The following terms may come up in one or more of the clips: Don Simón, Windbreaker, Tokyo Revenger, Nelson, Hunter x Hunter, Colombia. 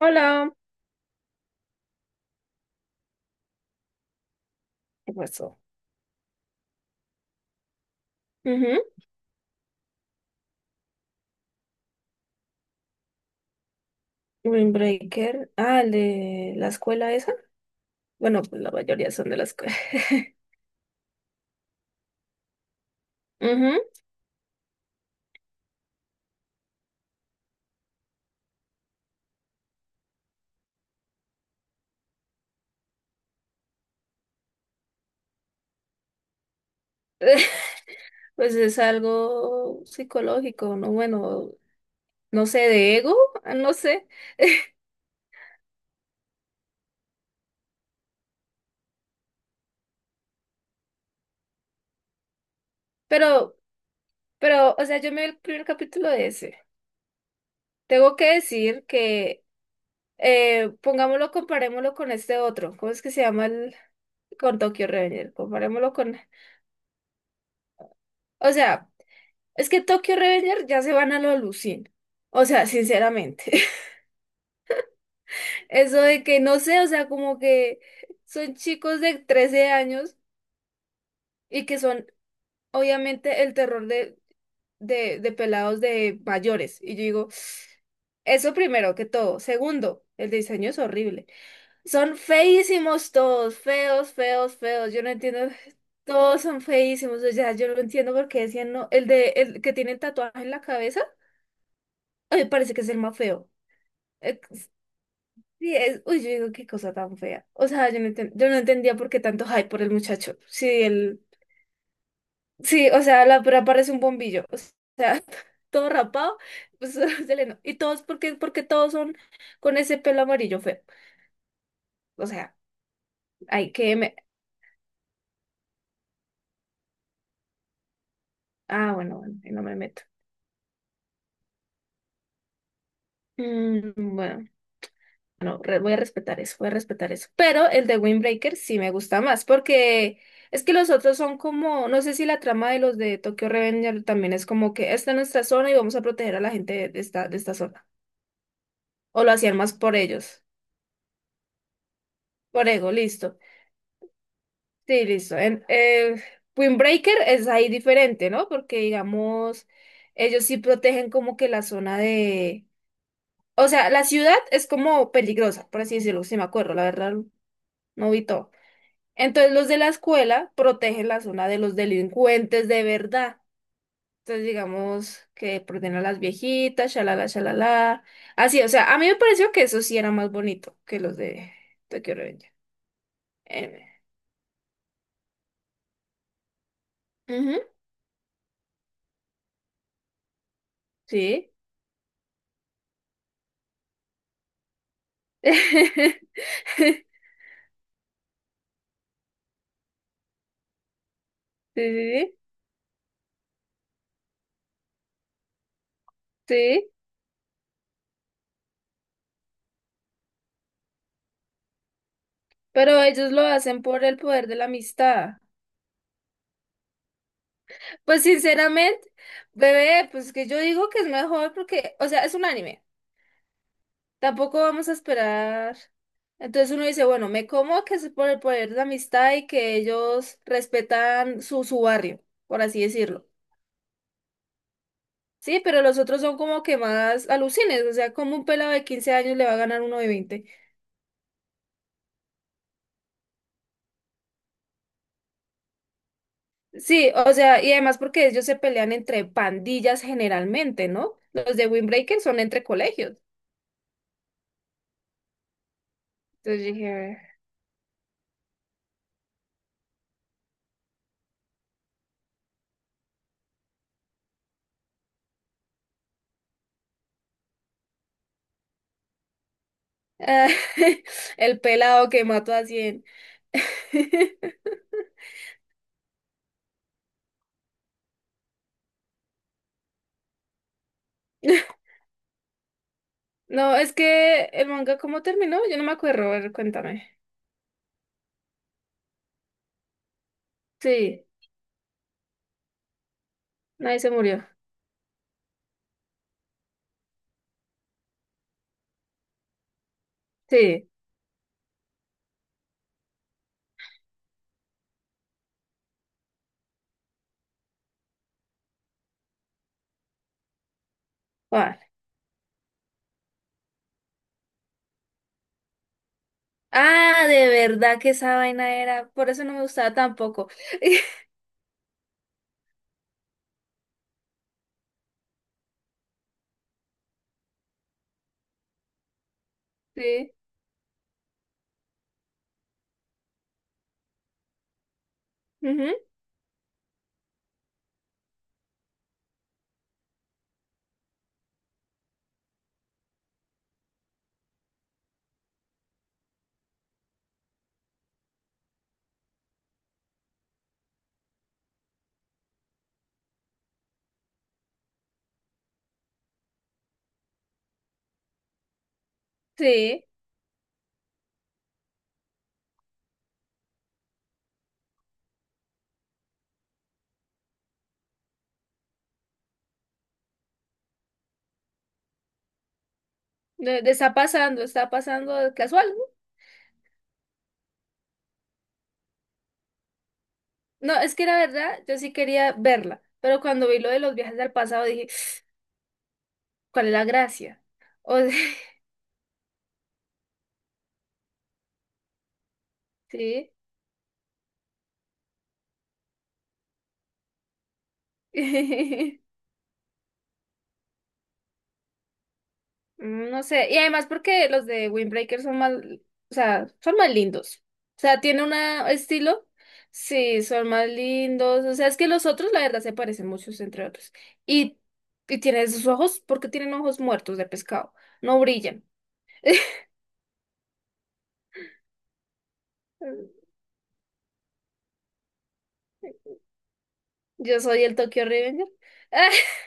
Hola. ¿Qué pasó? Ujú. Windbreaker. Ah, el de la escuela esa. Bueno, pues la mayoría son de la escuela. Ujú. Pues es algo psicológico, ¿no? Bueno, no sé, de ego, ah, no sé. Pero, pero, o sea, yo me vi el primer capítulo de ese. Tengo que decir que, pongámoslo, comparémoslo con este otro. ¿Cómo es que se llama el? Con Tokyo Revenger. Comparémoslo con... O sea... Es que Tokyo Revenger ya se van a lo Lucien. O sea, sinceramente. Eso de que no sé, o sea, como que son chicos de 13 años y que son obviamente el terror de, de pelados de mayores. Y yo digo, eso primero que todo. Segundo, el diseño es horrible. Son feísimos todos, feos, feos, feos. Yo no entiendo. Todos son feísimos. O sea, yo no entiendo por qué decían no. El de el que tiene el tatuaje en la cabeza, ay, parece que es el más feo. Sí, es, uy, yo digo, qué cosa tan fea. O sea, yo no entendía por qué tanto hype por el muchacho. Sí, él, sí, o sea, la pura parece un bombillo. O sea, todo rapado, pues se le no- Y todos, porque todos son con ese pelo amarillo feo. O sea, hay que me. Ah, bueno, bueno, ahí no me meto. Mm, bueno. No, voy a respetar eso, voy a respetar eso. Pero el de Windbreaker sí me gusta más, porque es que los otros son como, no sé si la trama de los de Tokyo Revenger también es como que esta es nuestra zona y vamos a proteger a la gente de esta zona. O lo hacían más por ellos, por ego, listo. Sí, listo. Windbreaker es ahí diferente, ¿no? Porque digamos, ellos sí protegen como que la zona de... O sea, la ciudad es como peligrosa, por así decirlo, si me acuerdo, la verdad, no vi todo. Entonces los de la escuela protegen la zona de los delincuentes de verdad. Entonces digamos que protegen a las viejitas, shalala, shalala. Así, o sea, a mí me pareció que eso sí era más bonito que los de Tokyo Revenger. Eh, ujú, sí. Sí, sí, sí. Pero ellos lo hacen por el poder de la amistad. Pues sinceramente, bebé, pues que yo digo que es mejor porque, o sea, es un anime. Tampoco vamos a esperar. Entonces uno dice, bueno, me como que es por el poder de amistad y que ellos respetan su barrio, por así decirlo. Sí, pero los otros son como que más alucines, o sea, como un pelado de 15 años le va a ganar uno de 20. Sí, o sea, y además porque ellos se pelean entre pandillas generalmente, ¿no? Los de Windbreaker son entre colegios. Entonces yo dije, "Ah, el pelado que mató a 100". No, es que el manga, ¿cómo terminó? Yo no me acuerdo, a ver, cuéntame. Sí, nadie se murió. Sí, vale. Ah, de verdad que esa vaina era, por eso no me gustaba tampoco. Sí, ujú, sí, está pasando casual. No, no, es que la verdad, yo sí quería verla, pero cuando vi lo de los viajes al pasado dije, ¿cuál es la gracia? O sea, sí. No sé, y además porque los de Windbreaker son más, o sea, son más lindos. O sea, tiene un estilo. Sí, son más lindos. O sea, es que los otros, la verdad, se parecen muchos entre otros. Y, y tienen sus ojos, porque tienen ojos muertos de pescado. No brillan. Mm, Yo soy el Tokyo Revenger.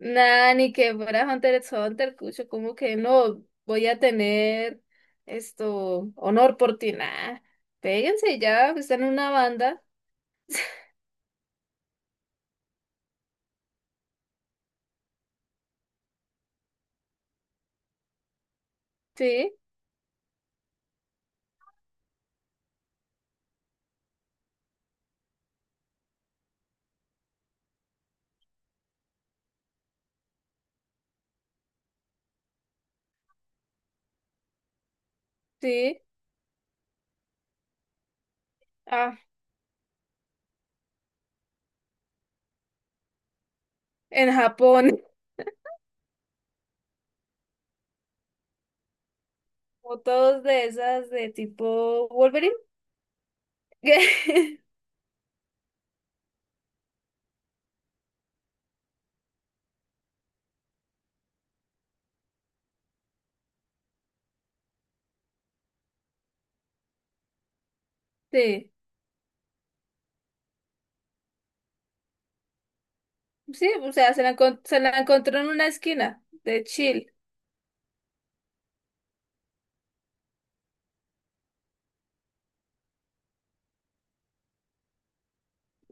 Nah, ni que fuera Hunter x Hunter, cucho, como que no voy a tener esto, honor por ti, nah. Péguense ya, están en una banda, sí. Sí, ah, en Japón, fotos de esas de tipo Wolverine. Sí, sí, o sea, se la encontró en una esquina de Chile.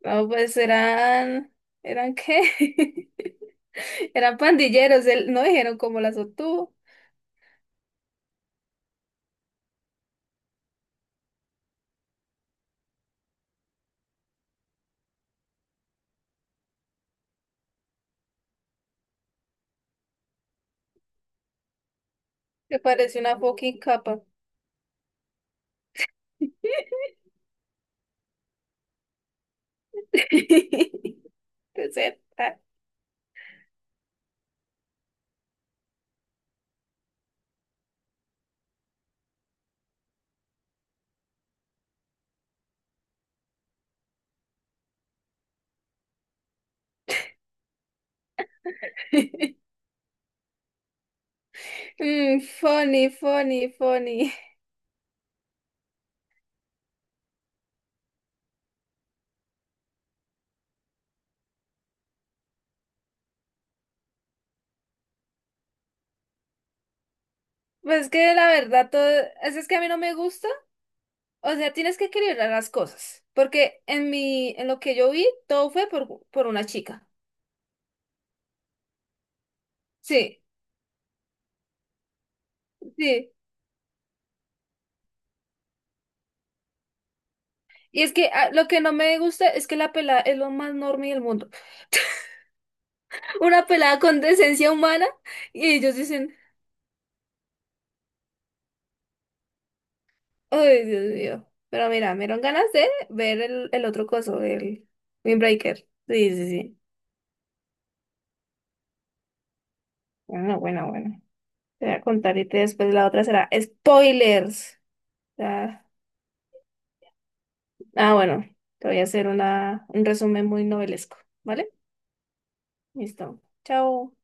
No, pues eran, ¿eran qué? Eran pandilleros, no dijeron cómo las obtuvo. Me pareció una fucking capa. De ser, ah. Funny, funny, funny. Pues que la verdad, todo, es que a mí no me gusta. O sea, tienes que equilibrar las cosas, porque en lo que yo vi, todo fue por, una chica. Sí, sí. Y es que lo que no me gusta es que la pelada es lo más normal del mundo. Una pelada con decencia humana y ellos dicen, ay, Dios mío. Pero mira, me dieron ganas de ver el, otro coso, el Windbreaker. Sí, sí, sí. Bueno, bueno, bueno. Te voy a contar y después la otra será spoilers. Ah, ah, bueno, te voy a hacer un resumen muy novelesco, ¿vale? Listo. Chao.